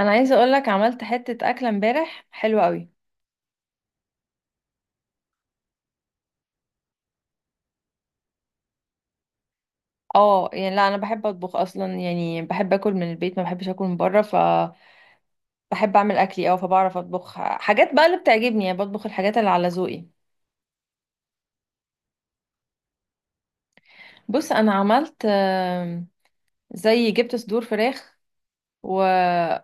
انا عايزه اقول لك، عملت حته اكله امبارح حلوه قوي. اه، يعني لا، انا بحب اطبخ اصلا، يعني بحب اكل من البيت، ما بحبش اكل من بره، فبحب اعمل اكلي فبعرف اطبخ حاجات بقى اللي بتعجبني، يعني بطبخ الحاجات اللي على ذوقي. بص، انا عملت زي جبت صدور فراخ وقطعتها.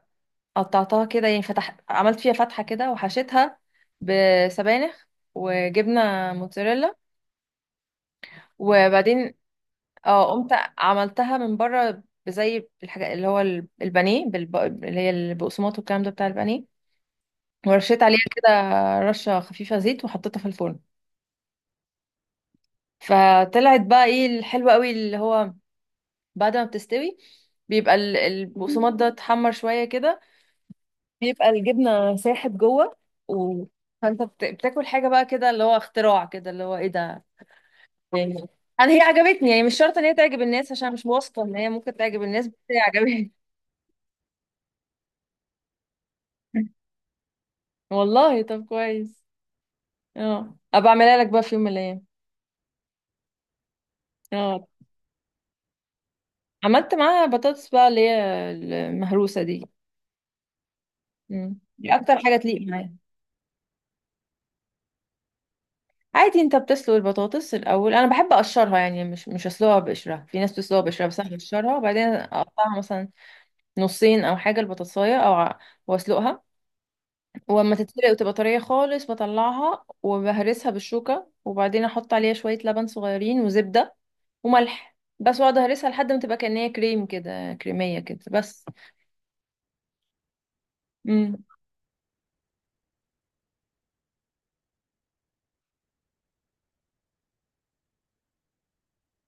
كده يعني عملت فيها فتحه كده وحشيتها بسبانخ وجبنه موتزاريلا، وبعدين اه قمت عملتها من بره بزي الحاجة اللي هو البانيه اللي هي البقسماط والكلام ده بتاع البانيه، ورشيت عليها كده رشة خفيفة زيت وحطيتها في الفرن. فطلعت بقى ايه الحلوة قوي، اللي هو بعد ما بتستوي بيبقى البقسماط ده اتحمر شوية كده، بيبقى الجبنة ساحت جوه و... فانت بتاكل حاجة بقى كده اللي هو اختراع كده، اللي هو ايه ده يعني. انا هي عجبتني، يعني مش شرط ان هي تعجب الناس عشان مش واثقة ان هي ممكن تعجب الناس، بس هي عجبتني. والله، طب كويس. اه، ابقى اعملها لك بقى في يوم من الايام. اه، عملت معاها بطاطس بقى اللي هي المهروسه دي. مم. دي اكتر حاجه تليق معايا. عادي، انت بتسلق البطاطس الاول. انا بحب اقشرها، يعني مش اسلقها بقشرها. في ناس بتسلقها بقشرها، بس انا بقشرها وبعدين اقطعها مثلا نصين او حاجه البطاطسايه واسلقها. واما تتسلق وتبقى طريه خالص، بطلعها وبهرسها بالشوكه، وبعدين احط عليها شويه لبن صغيرين وزبده وملح بس، واقعد اهرسها لحد ما تبقى كأنها كريم كده، كريميه كده بس. امم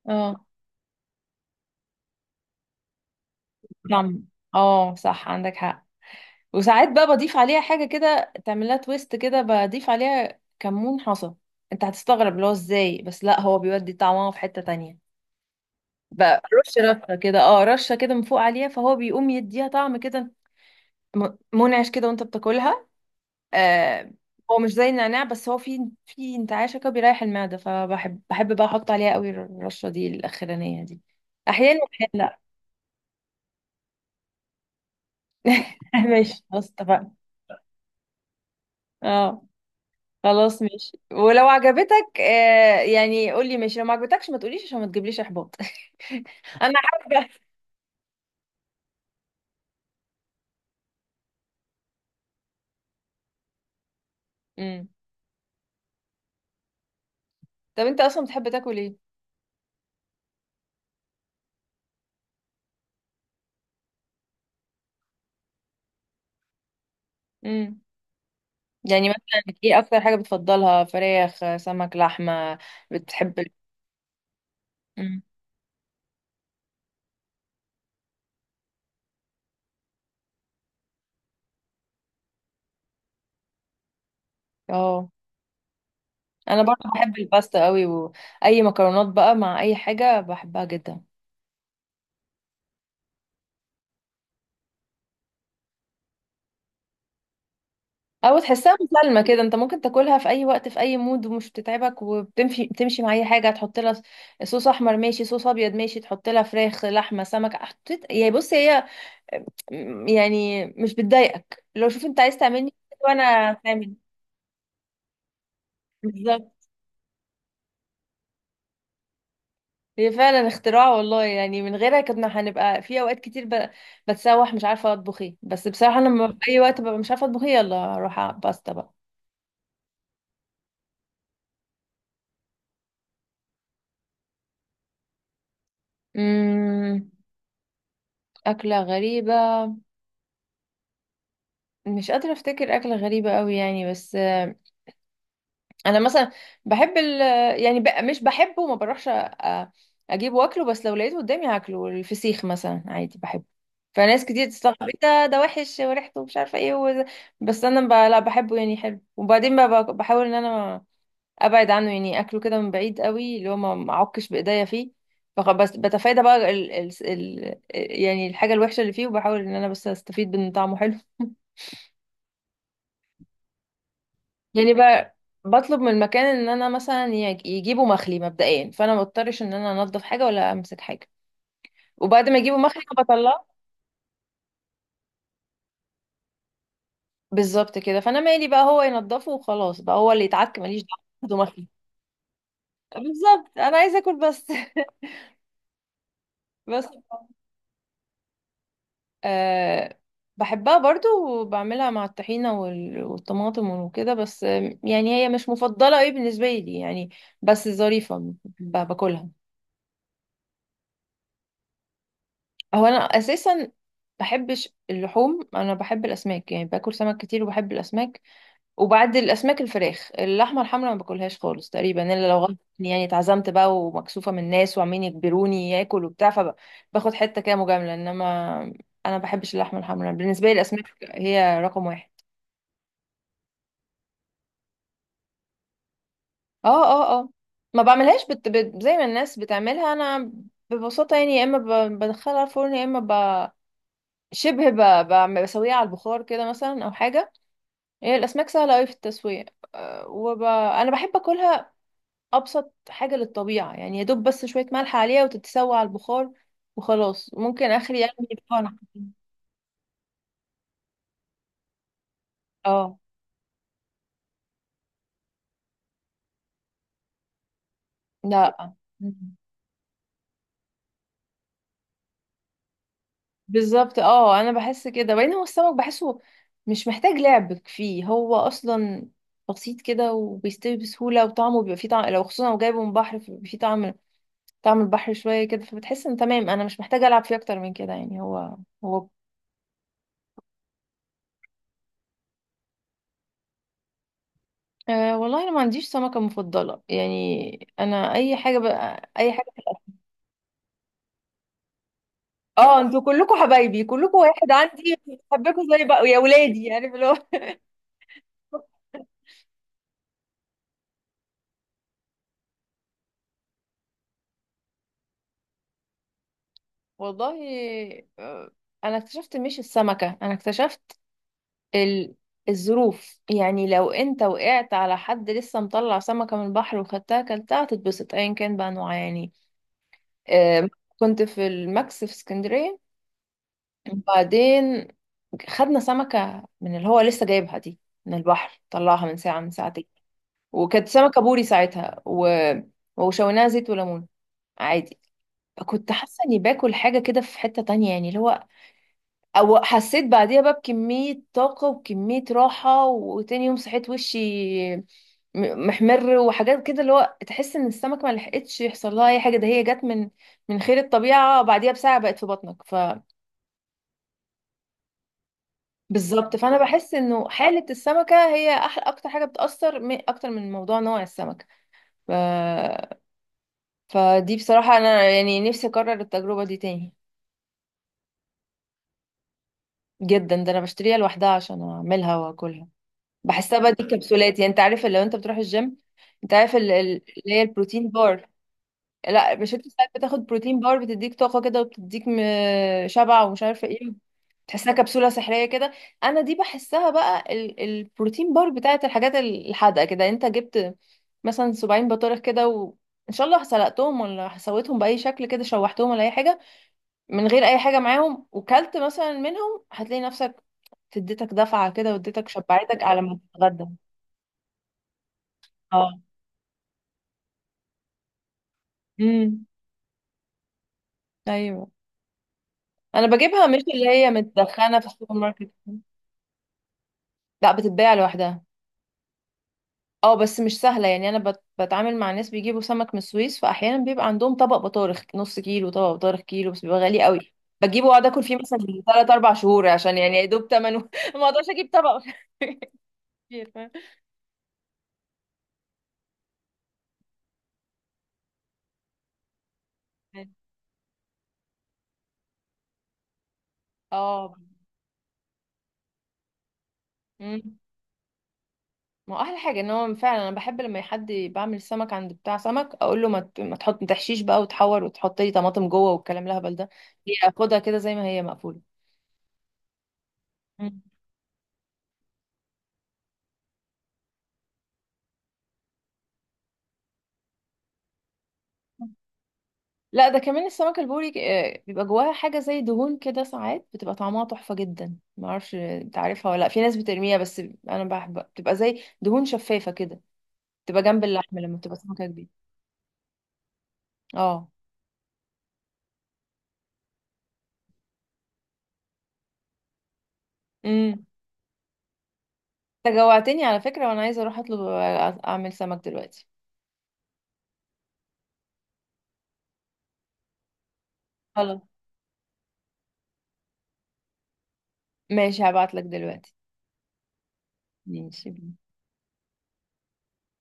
اه، طعم. اه صح، عندك حق. وساعات بقى بضيف عليها حاجه كده تعمل لها تويست كده، بضيف عليها كمون حصى. انت هتستغرب اللي هو ازاي، بس لا، هو بيودي طعمها في حته تانية بقى. رشه كده، رشه كده من فوق عليها، فهو بيقوم يديها طعم كده. م- منعش كده وانت بتاكلها. آه. هو مش زي النعناع، بس هو في انتعاشة كده بيريح المعدة، فبحب بقى احط عليها قوي الرشة دي الاخرانية دي، احيانا، واحيانا لا. ماشي، خلاص اتفقنا. اه، خلاص ماشي. ولو عجبتك يعني قولي ماشي، لو ما عجبتكش ما تقوليش عشان ما تجيبليش احباط. انا حابة. امم طب انت اصلا بتحب تاكل ايه؟ امم يعني مثلا ايه اكتر حاجة بتفضلها؟ فراخ، سمك، لحمة؟ بتحب ال- امم اه، انا برضه بحب الباستا قوي، واي مكرونات بقى مع اي حاجه بحبها جدا. او تحسها مسالمه كده، انت ممكن تاكلها في اي وقت، في اي مود، ومش بتتعبك وبتمشي تمشي مع اي حاجه تحط لها. صوص احمر ماشي، صوص ابيض ماشي، تحط لها فراخ، لحمه، سمك. حطيت يعني، بص هي يعني مش بتضايقك. لو شوف انت عايز تعملني وانا تعمل، بالظبط. هي فعلا اختراع، والله، يعني من غيرها كنا هنبقى في اوقات كتير بتسوح، مش عارفه اطبخ ايه. بس بصراحه انا لما في اي وقت ببقى مش عارفه اطبخ ايه، يلا اروح على باستا بقى. امم أكلة غريبة. مش قادرة أفتكر أكلة غريبة أوي يعني، بس أنا مثلا بحب ال يعني مش بحبه وما بروحش أجيب وأكله، بس لو لقيته قدامي هاكله. الفسيخ مثلا عادي بحبه. فناس كتير تستغرب، إيه ده وحش وريحته مش عارفة إيه بس أنا لا، بحبه يعني حلو. وبعدين بحاول إن أنا ابعد عنه، يعني اكله كده من بعيد قوي، اللي هو ما اعكش بايديا فيه. بس بتفادى بقى ال يعني الحاجه الوحشه اللي فيه، وبحاول ان انا بس استفيد من طعمه حلو. يعني بقى بطلب من المكان ان انا مثلا يجيبوا مخلي مبدئيا، فانا ما اضطرش ان انا انضف حاجه ولا امسك حاجه. وبعد ما يجيبوا مخلي انا بطلعه. بالظبط كده، فانا مالي بقى، هو ينضفه وخلاص، بقى هو اللي يتعك، ماليش دعوه، ياخدوا مخلي. بالظبط، انا عايزه اكل بس. بس. أه، بحبها برضو. وبعملها مع الطحينة والطماطم وكده، بس يعني هي مش مفضلة ايه بالنسبة لي يعني. بس ظريفة، باكلها. هو انا اساسا بحبش اللحوم، انا بحب الاسماك، يعني باكل سمك كتير وبحب الاسماك. وبعد الاسماك الفراخ، اللحمة الحمراء ما باكلهاش خالص تقريبا الا لو غصب عني، يعني اتعزمت بقى ومكسوفة من الناس وعمالين يجبروني اكل وبتاع فباخد حتة كده مجاملة، انما انا ما بحبش اللحمة الحمراء. بالنسبة لي الاسماك هي رقم واحد. اه، اه، اه، ما بعملهاش زي ما الناس بتعملها. انا ببساطة يعني يا اما بدخلها الفرن، يا اما ب... شبه ب... ب... بسويها على البخار كده مثلا، او حاجة. هي الاسماك سهلة اوي في التسوية. أه، انا بحب اكلها ابسط حاجة للطبيعة، يعني يا دوب بس شوية ملح عليها وتتسوى على البخار وخلاص، ممكن اخري يعني بقى. اه، لا، بالظبط، اه، انا بحس كده. وبعدين هو السمك بحسه مش محتاج لعب فيه، هو اصلا بسيط كده وبيستوي بسهوله، وطعمه بيبقى فيه طعم، لو خصوصا لو جايبه من بحر فبيبقى فيه طعم. طعم البحر شويه كده، فبتحس ان تمام انا مش محتاجه العب فيه اكتر من كده يعني هو. أه والله، انا ما عنديش سمكه مفضله، يعني انا اي حاجه بقى، اي حاجه. اه، انتوا كلكم حبايبي، كلكم واحد عندي، بحبكم زي بقى يا ولادي، عارف اللي هو. والله، آه، انا اكتشفت، مش السمكه، انا اكتشفت ال... الظروف. يعني لو انت وقعت على حد لسه مطلع سمكة من البحر وخدتها كلتها، هتتبسط ايا كان بقى نوعها يعني. آه، كنت في الماكس في اسكندرية. وبعدين خدنا سمكة من اللي هو لسه جايبها دي من البحر، طلعها من ساعة من ساعتين، وكانت سمكة بوري ساعتها وشويناها زيت وليمون عادي. كنت حاسة اني باكل حاجة كده في حتة تانية يعني، اللي هو، او حسيت بعديها بقى بكمية طاقة وكمية راحة. وتاني يوم صحيت وشي م- محمر وحاجات كده، اللي هو تحس ان السمك ما لحقتش يحصل لها اي حاجة، ده هي جت من خير الطبيعة، بعديها بساعة بقت في بطنك. بالظبط. فانا بحس انه حالة السمكة هي احلى، اكتر حاجة بتأثر، اكتر من موضوع نوع السمكة. ف... فدي بصراحة انا يعني نفسي اكرر التجربة دي تاني. جدا، ده انا بشتريها لوحدها عشان اعملها واكلها. بحسها بقى دي كبسولات، يعني انت عارف لو انت بتروح الجيم، انت عارف اللي هي البروتين بار. لا، مش انت ساعات بتاخد بروتين بار بتديك طاقة كده، وبتديك شبع ومش عارفة ايه، تحسها كبسولة سحرية كده؟ انا دي بحسها بقى البروتين بار بتاعت الحاجات الحادقة كده. يعني انت جبت مثلا 70 بطارخ كده، وان شاء الله سلقتهم ولا سويتهم بأي شكل كده، شوحتهم ولا اي حاجة، من غير اي حاجة معاهم، وكلت مثلا منهم، هتلاقي نفسك اديتك دفعة كده، واديتك شبعتك على ما تتغدى. اه، امم، ايوه. انا بجيبها مش اللي هي متدخنه في السوبر ماركت. لا، بتتباع لوحدها. اه، بس مش سهله، يعني انا بتعامل مع ناس بيجيبوا سمك من السويس. فاحيانا بيبقى عندهم طبق بطارخ نص كيلو، طبق بطارخ كيلو، بس بيبقى غالي قوي. بجيبه واقعد اكل فيه مثلا ثلاث اربع شهور عشان يعني يا دوب ثمنه. ما اقدرش اجيب طبق كتير، فاهم؟ اه. مم. ما هو احلى حاجه ان هو فعلا، انا بحب لما حد بعمل سمك عند بتاع سمك، اقول له ما ت- ما تحط ما تحشيش بقى وتحور وتحط لي طماطم جوه والكلام الهبل ده. هي خدها كده زي ما هي مقفوله. مم. لا، ده كمان السمك البوري بيبقى جواها حاجه زي دهون كده، ساعات بتبقى طعمها تحفه جدا، ما اعرفش انت عارفها ولا لا. في ناس بترميها بس انا بحب، بتبقى زي دهون شفافه كده، بتبقى جنب اللحمه لما بتبقى سمكه كبيره. اه، امم. انت جوعتني على فكره، وانا عايزه اروح اطلب، اعمل سمك دلوقتي. خلاص، ماشي، هبعت لك دلوقتي. ماشي.